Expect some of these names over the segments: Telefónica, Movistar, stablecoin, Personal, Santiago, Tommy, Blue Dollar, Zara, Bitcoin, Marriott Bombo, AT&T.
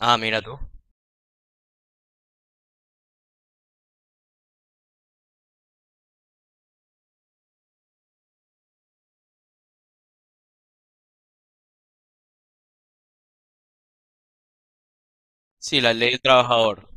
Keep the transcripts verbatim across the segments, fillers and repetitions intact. Ah, mira tú. Sí, la ley del trabajador.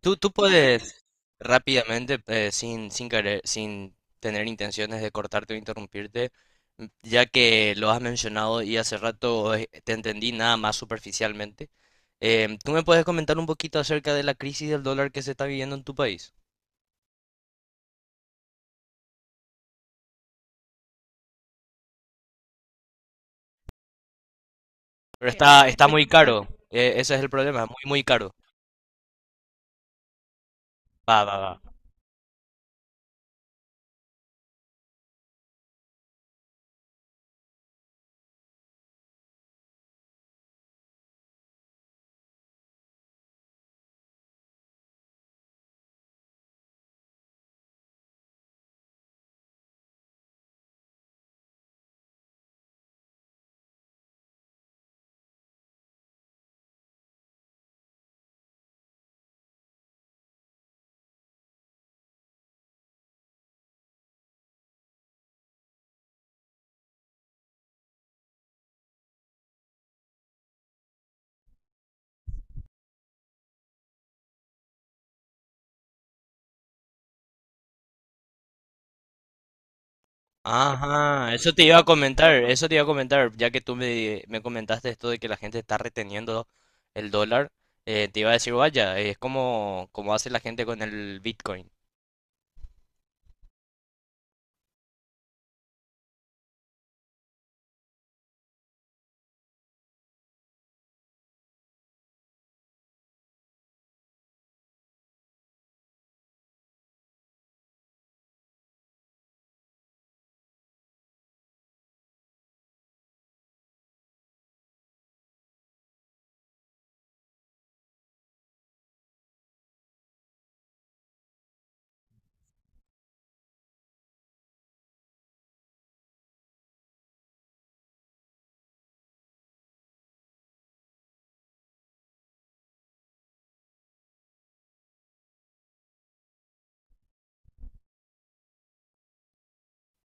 Tú, tú puedes rápidamente, eh, sin, sin querer, sin tener intenciones de cortarte o interrumpirte, m- ya que lo has mencionado y hace rato eh, te entendí nada más superficialmente. Em, ¿tú me puedes comentar un poquito acerca de la crisis del dólar que se está viviendo en tu país? Pero Eh, está, está muy caro. Eh, ese es el problema, muy, muy caro. Va, va, va. Ajá, eso te iba a comentar, eso te iba a comentar, ya que tú me, me comentaste esto de que la gente está reteniendo el dólar, eh, te iba a decir, vaya, es como, como hace la gente con el Bitcoin.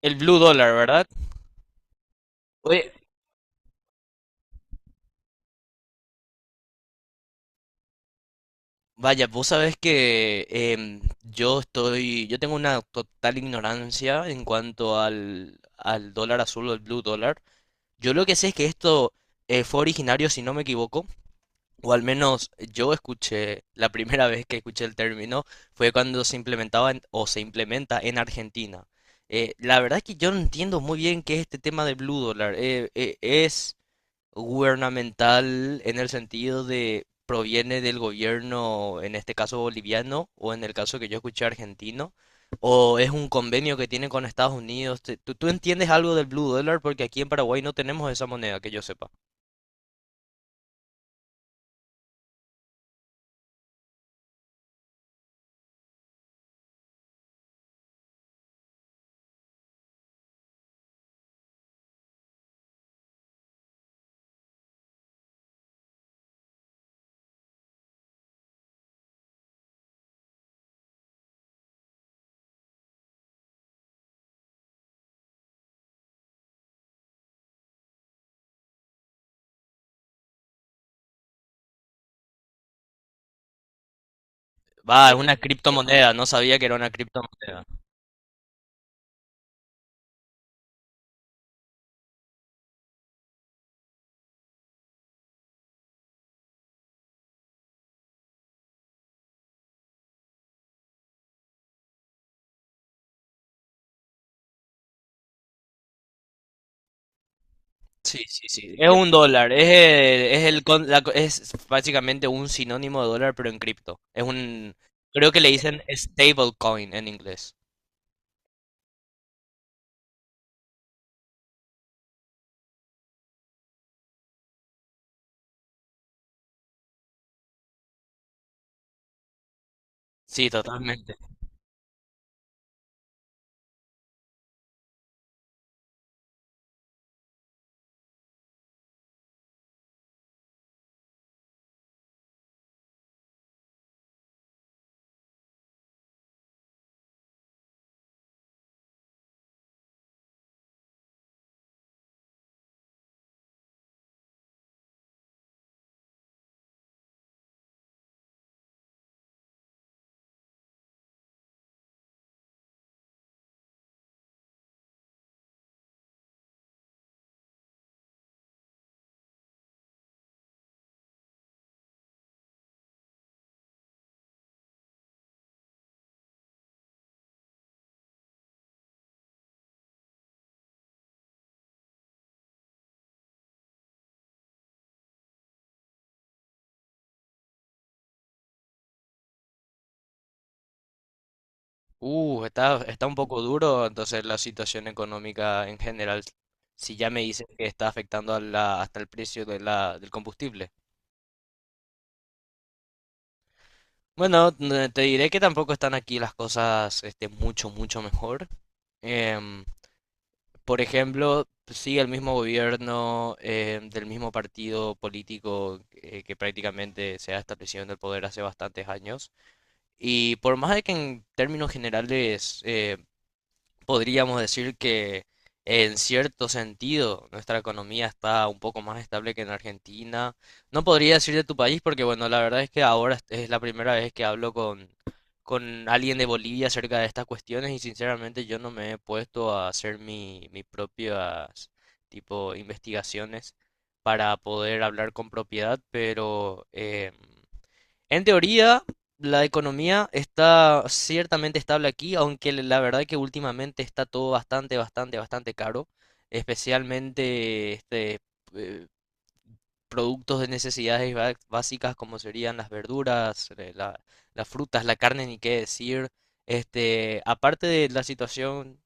El blue dólar, ¿verdad? Oye, vaya, vos sabés que em, yo estoy, yo tengo una total ignorancia en cuanto al, al dólar azul o el blue dólar. Yo lo que sé es que esto eh, fue originario, si no me equivoco. O al menos yo escuché, la primera vez que escuché el término fue cuando se implementaba en- o se implementa en Argentina. Eh, la verdad es que yo no entiendo muy bien qué es este tema de Blue Dollar. Eh, eh, es gubernamental en el sentido de proviene del gobierno, en este caso boliviano, o en el caso que yo escuché argentino, o es un convenio que tiene con Estados Unidos. Te- ¿Tú, tú entiendes algo del Blue Dollar? Porque aquí en Paraguay no tenemos esa moneda, que yo sepa. Va, es una criptomoneda, no sabía que era una criptomoneda. Sí, sí, sí. Es un dólar, es el, es el con- la co- es básicamente un sinónimo de dólar, pero en cripto. Es un, creo que le dicen stablecoin en inglés. Sí, totalmente. Uh, está, está un poco duro entonces la situación económica en general. Si ya me dices que está afectando a la, hasta el precio de la, del combustible. Bueno, n- te diré que tampoco están aquí las cosas este, mucho, mucho mejor. Em, Por ejemplo, sí, el mismo gobierno eh, del mismo partido político eh, que prácticamente se ha establecido en el poder hace bastantes años. Y por más de que en términos generales eh, podríamos decir que en cierto sentido nuestra economía está un poco más estable que en Argentina. No podría decir de tu país porque, bueno, la verdad es que ahora es es la primera vez que hablo con, con alguien de Bolivia acerca de estas cuestiones, y sinceramente yo no me he puesto a hacer mi, mis propias tipo investigaciones para poder hablar con propiedad, pero... em, en teoría, la economía está ciertamente estable aquí, aunque la verdad que últimamente está todo bastante, bastante, bastante caro, especialmente este, eh, productos de necesidades ba- básicas como serían las verduras, eh, la- las frutas, la carne, ni qué decir. Este, aparte de la situación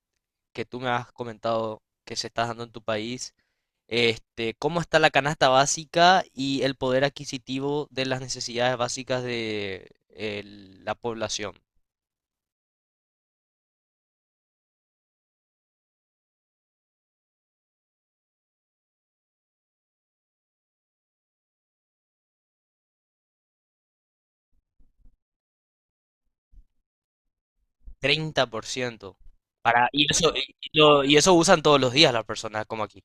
que tú me has comentado que se está dando en tu país, este, cómo está la canasta básica y el poder adquisitivo de las necesidades básicas de el- la población. Treinta por ciento. Para, y eso, y, lo- y eso usan todos los días las personas como aquí.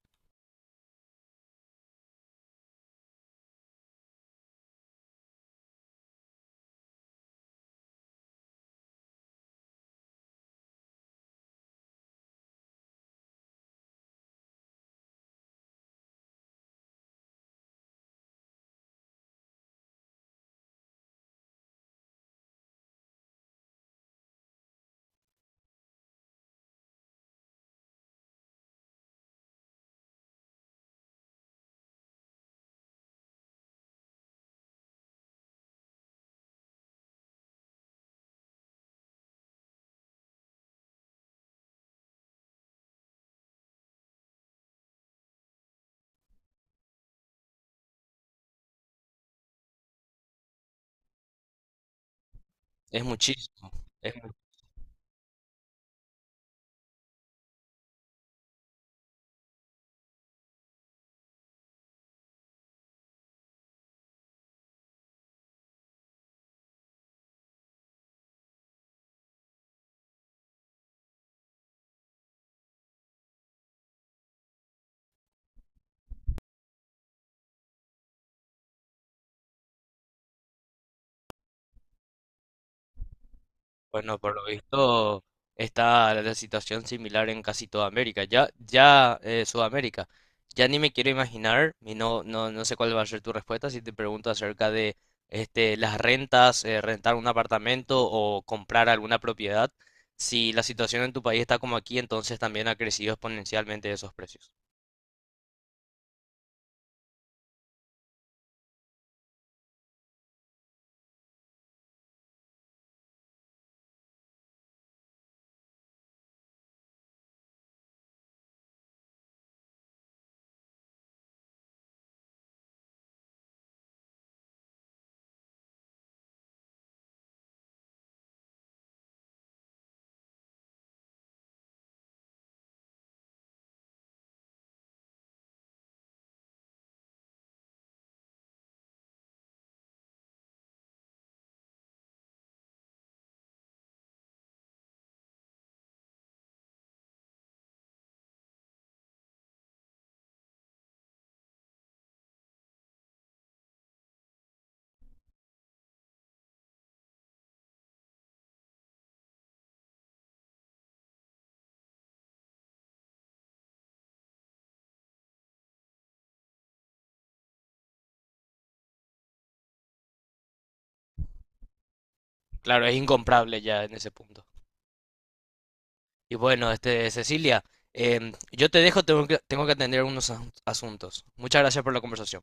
Es muchísimo. Bueno, por lo visto está la situación similar en casi toda América. Ya, ya eh, Sudamérica. Ya ni me quiero imaginar, y no, no, no sé cuál va a ser tu respuesta si te pregunto acerca de este, las rentas, eh, rentar un apartamento o comprar alguna propiedad. Si la situación en tu país está como aquí, entonces también ha crecido exponencialmente esos precios. Claro, es incomparable ya en ese punto. Y bueno, este, Cecilia, em, yo te dejo, tengo que, tengo que atender unos asun- asuntos. Muchas gracias por la conversación.